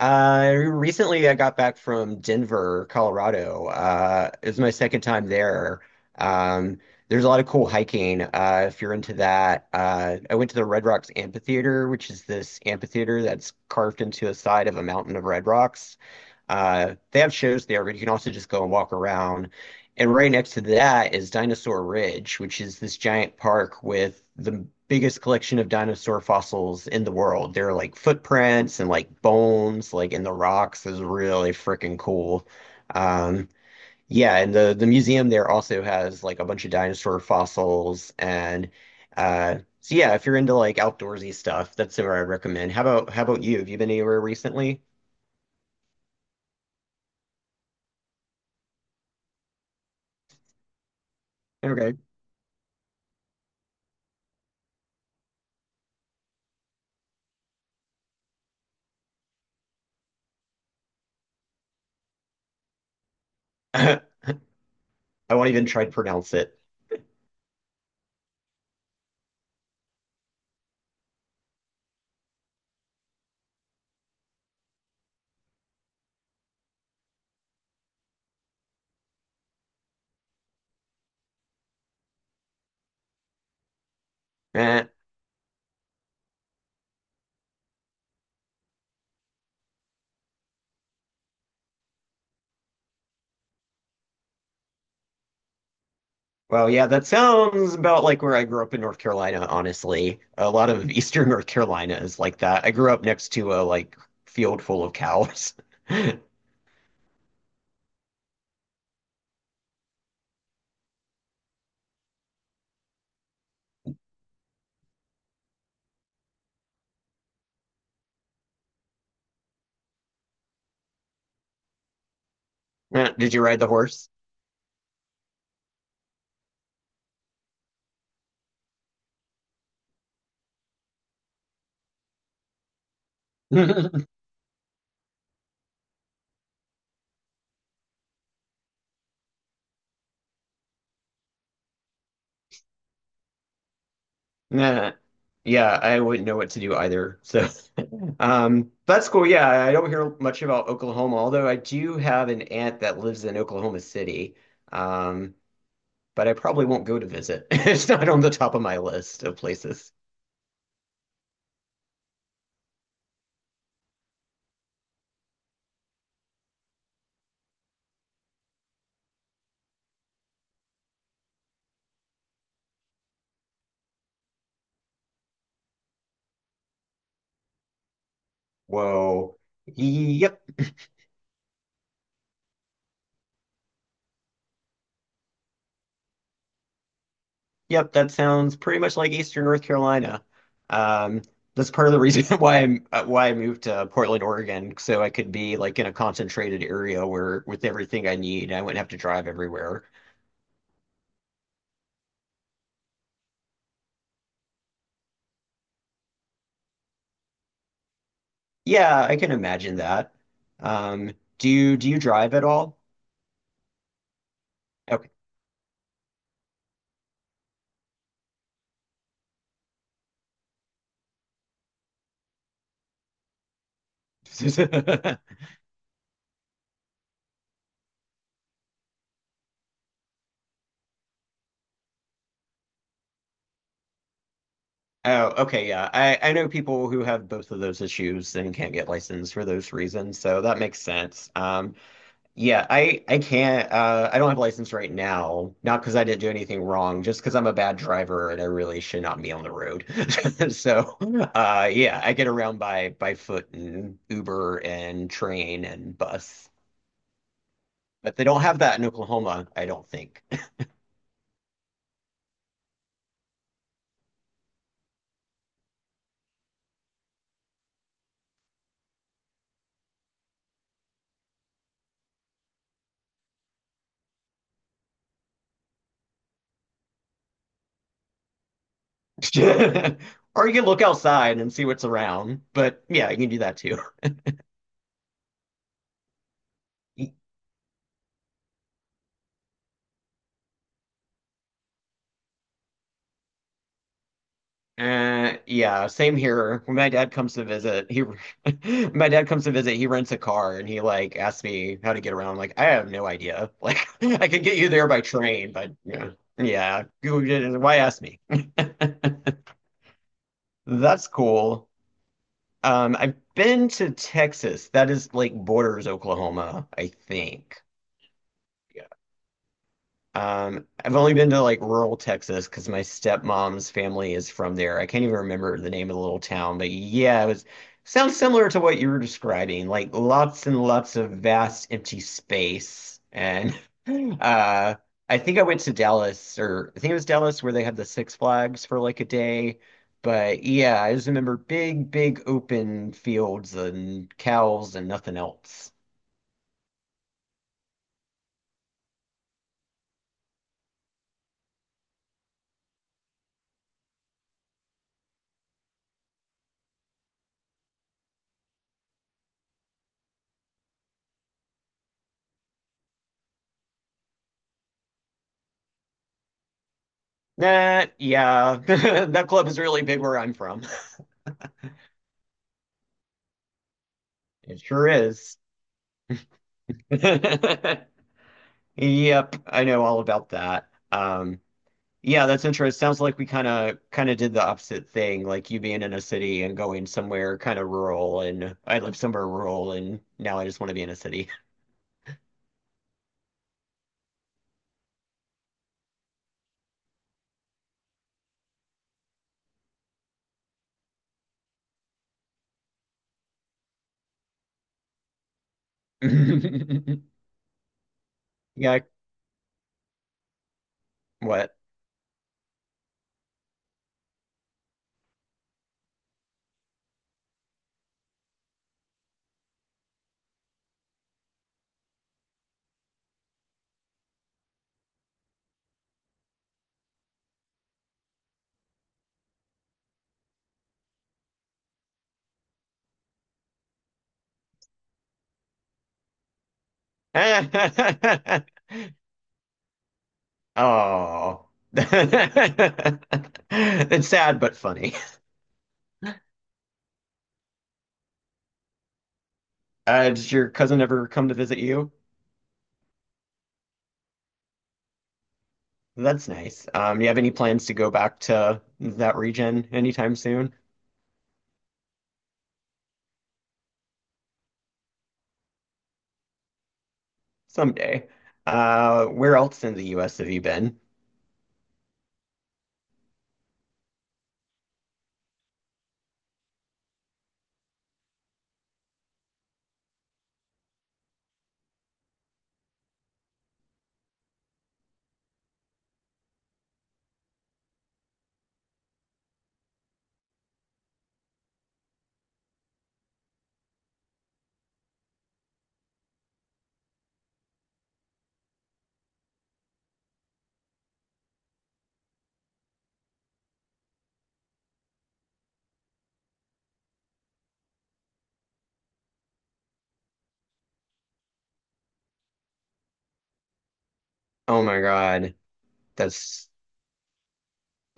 Recently I got back from Denver, Colorado. It was my second time there. Um, there's a lot of cool hiking, if you're into that. I went to the Red Rocks Amphitheater, which is this amphitheater that's carved into a side of a mountain of red rocks. They have shows there, but you can also just go and walk around. And right next to that is Dinosaur Ridge, which is this giant park with the biggest collection of dinosaur fossils in the world. There are like footprints and like bones, like in the rocks, is really freaking cool. Um, yeah, and the museum there also has like a bunch of dinosaur fossils and so yeah, if you're into like outdoorsy stuff, that's where I recommend. How about you? Have you been anywhere recently? Okay. I won't even try to pronounce it. Eh. Well, yeah, that sounds about like where I grew up in North Carolina, honestly. A lot of Eastern North Carolina is like that. I grew up next to a like field full of cows. Eh, did you ride the horse? Nah. Yeah, I wouldn't know what to do either. So, that's cool. Yeah, I don't hear much about Oklahoma, although I do have an aunt that lives in Oklahoma City. Um, but I probably won't go to visit. It's not on the top of my list of places. Whoa. Yep. Yep. That sounds pretty much like Eastern North Carolina. Um, that's part of the reason why I'm why I moved to Portland, Oregon, so I could be like in a concentrated area where with everything I need, I wouldn't have to drive everywhere. Yeah, I can imagine that. Um, do you drive at all? Okay. Oh, okay, yeah. I know people who have both of those issues and can't get licensed for those reasons, so that makes sense. Yeah, I can't I don't have a license right now, not because I didn't do anything wrong, just because I'm a bad driver and I really should not be on the road. So, yeah, I get around by foot and Uber and train and bus. But they don't have that in Oklahoma, I don't think. Or you can look outside and see what's around, but yeah, you can do that too. Yeah, same here. When my dad comes to visit, he when my dad comes to visit, he rents a car and he like asks me how to get around. I'm like, I have no idea. Like, I could get you there by train, but yeah, yeah. Why ask me? That's cool. I've been to Texas. That is like borders Oklahoma, I think. I've only been to like rural Texas because my stepmom's family is from there. I can't even remember the name of the little town, but yeah, it was sounds similar to what you were describing, like lots and lots of vast empty space. And uh, I think I went to Dallas, or I think it was Dallas where they had the Six Flags for like a day. But yeah, I just remember big, big open fields and cows and nothing else. That, yeah, that club is really big where I'm from. It sure is. Yep, I know all about that. Yeah, that's interesting. Sounds like we kind of did the opposite thing, like you being in a city and going somewhere kind of rural, and I live somewhere rural, and now I just want to be in a city. Yeah, what? Oh, it's sad but funny. Did your cousin ever come to visit you? That's nice. Do you have any plans to go back to that region anytime soon? Someday. Where else in the US have you been? Oh my God. That's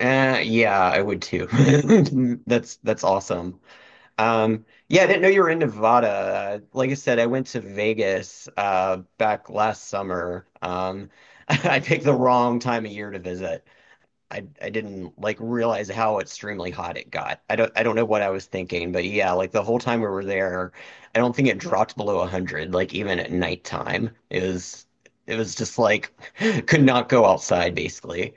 yeah, I would too. That's awesome. Yeah, I didn't know you were in Nevada. Like I said, I went to Vegas back last summer. I picked the wrong time of year to visit. I didn't like realize how extremely hot it got. I don't know what I was thinking, but yeah, like the whole time we were there, I don't think it dropped below 100, like even at nighttime. It was just like could not go outside basically.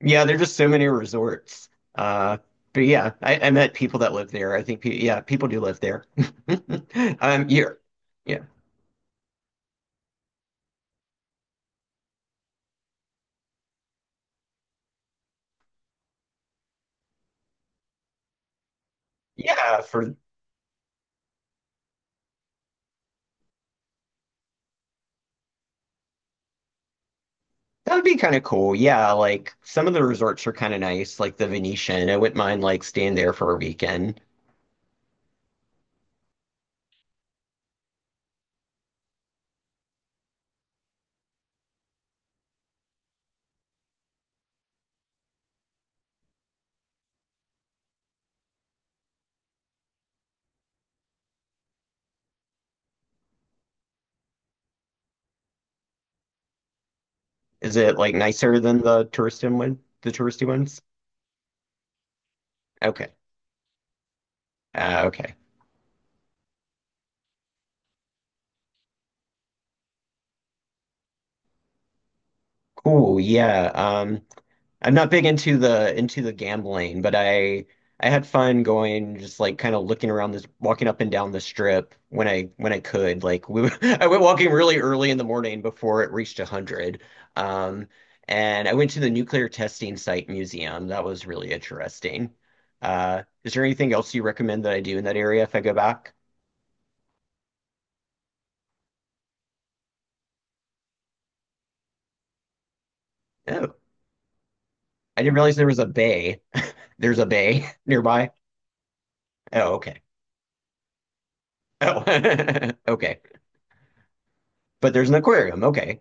Yeah, there's just so many resorts. Uh, but yeah, I met people that live there. I think, pe yeah, people do live there. Um, you're, yeah, yeah, for that would be kind of cool. Yeah, like some of the resorts are kind of nice, like the Venetian. I wouldn't mind like staying there for a weekend. Is it like nicer than the touristy one, the touristy ones? Okay. Okay. Cool. Yeah. I'm not big into the gambling, but I had fun going just like kind of looking around this walking up and down the strip when I could. Like we I went walking really early in the morning before it reached 100. Um and I went to the Nuclear Testing Site Museum. That was really interesting. Is there anything else you recommend that I do in that area if I go back? Oh, I didn't realize there was a bay. There's a bay nearby. Oh, okay. Oh. Okay. But there's an aquarium. Okay.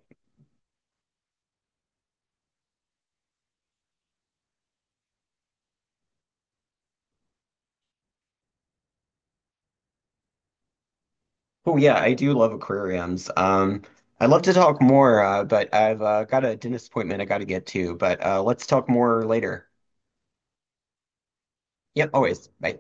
Oh yeah, I do love aquariums. I'd love to talk more, but I've got a dentist appointment I got to get to. But let's talk more later. Yep, always. Bye.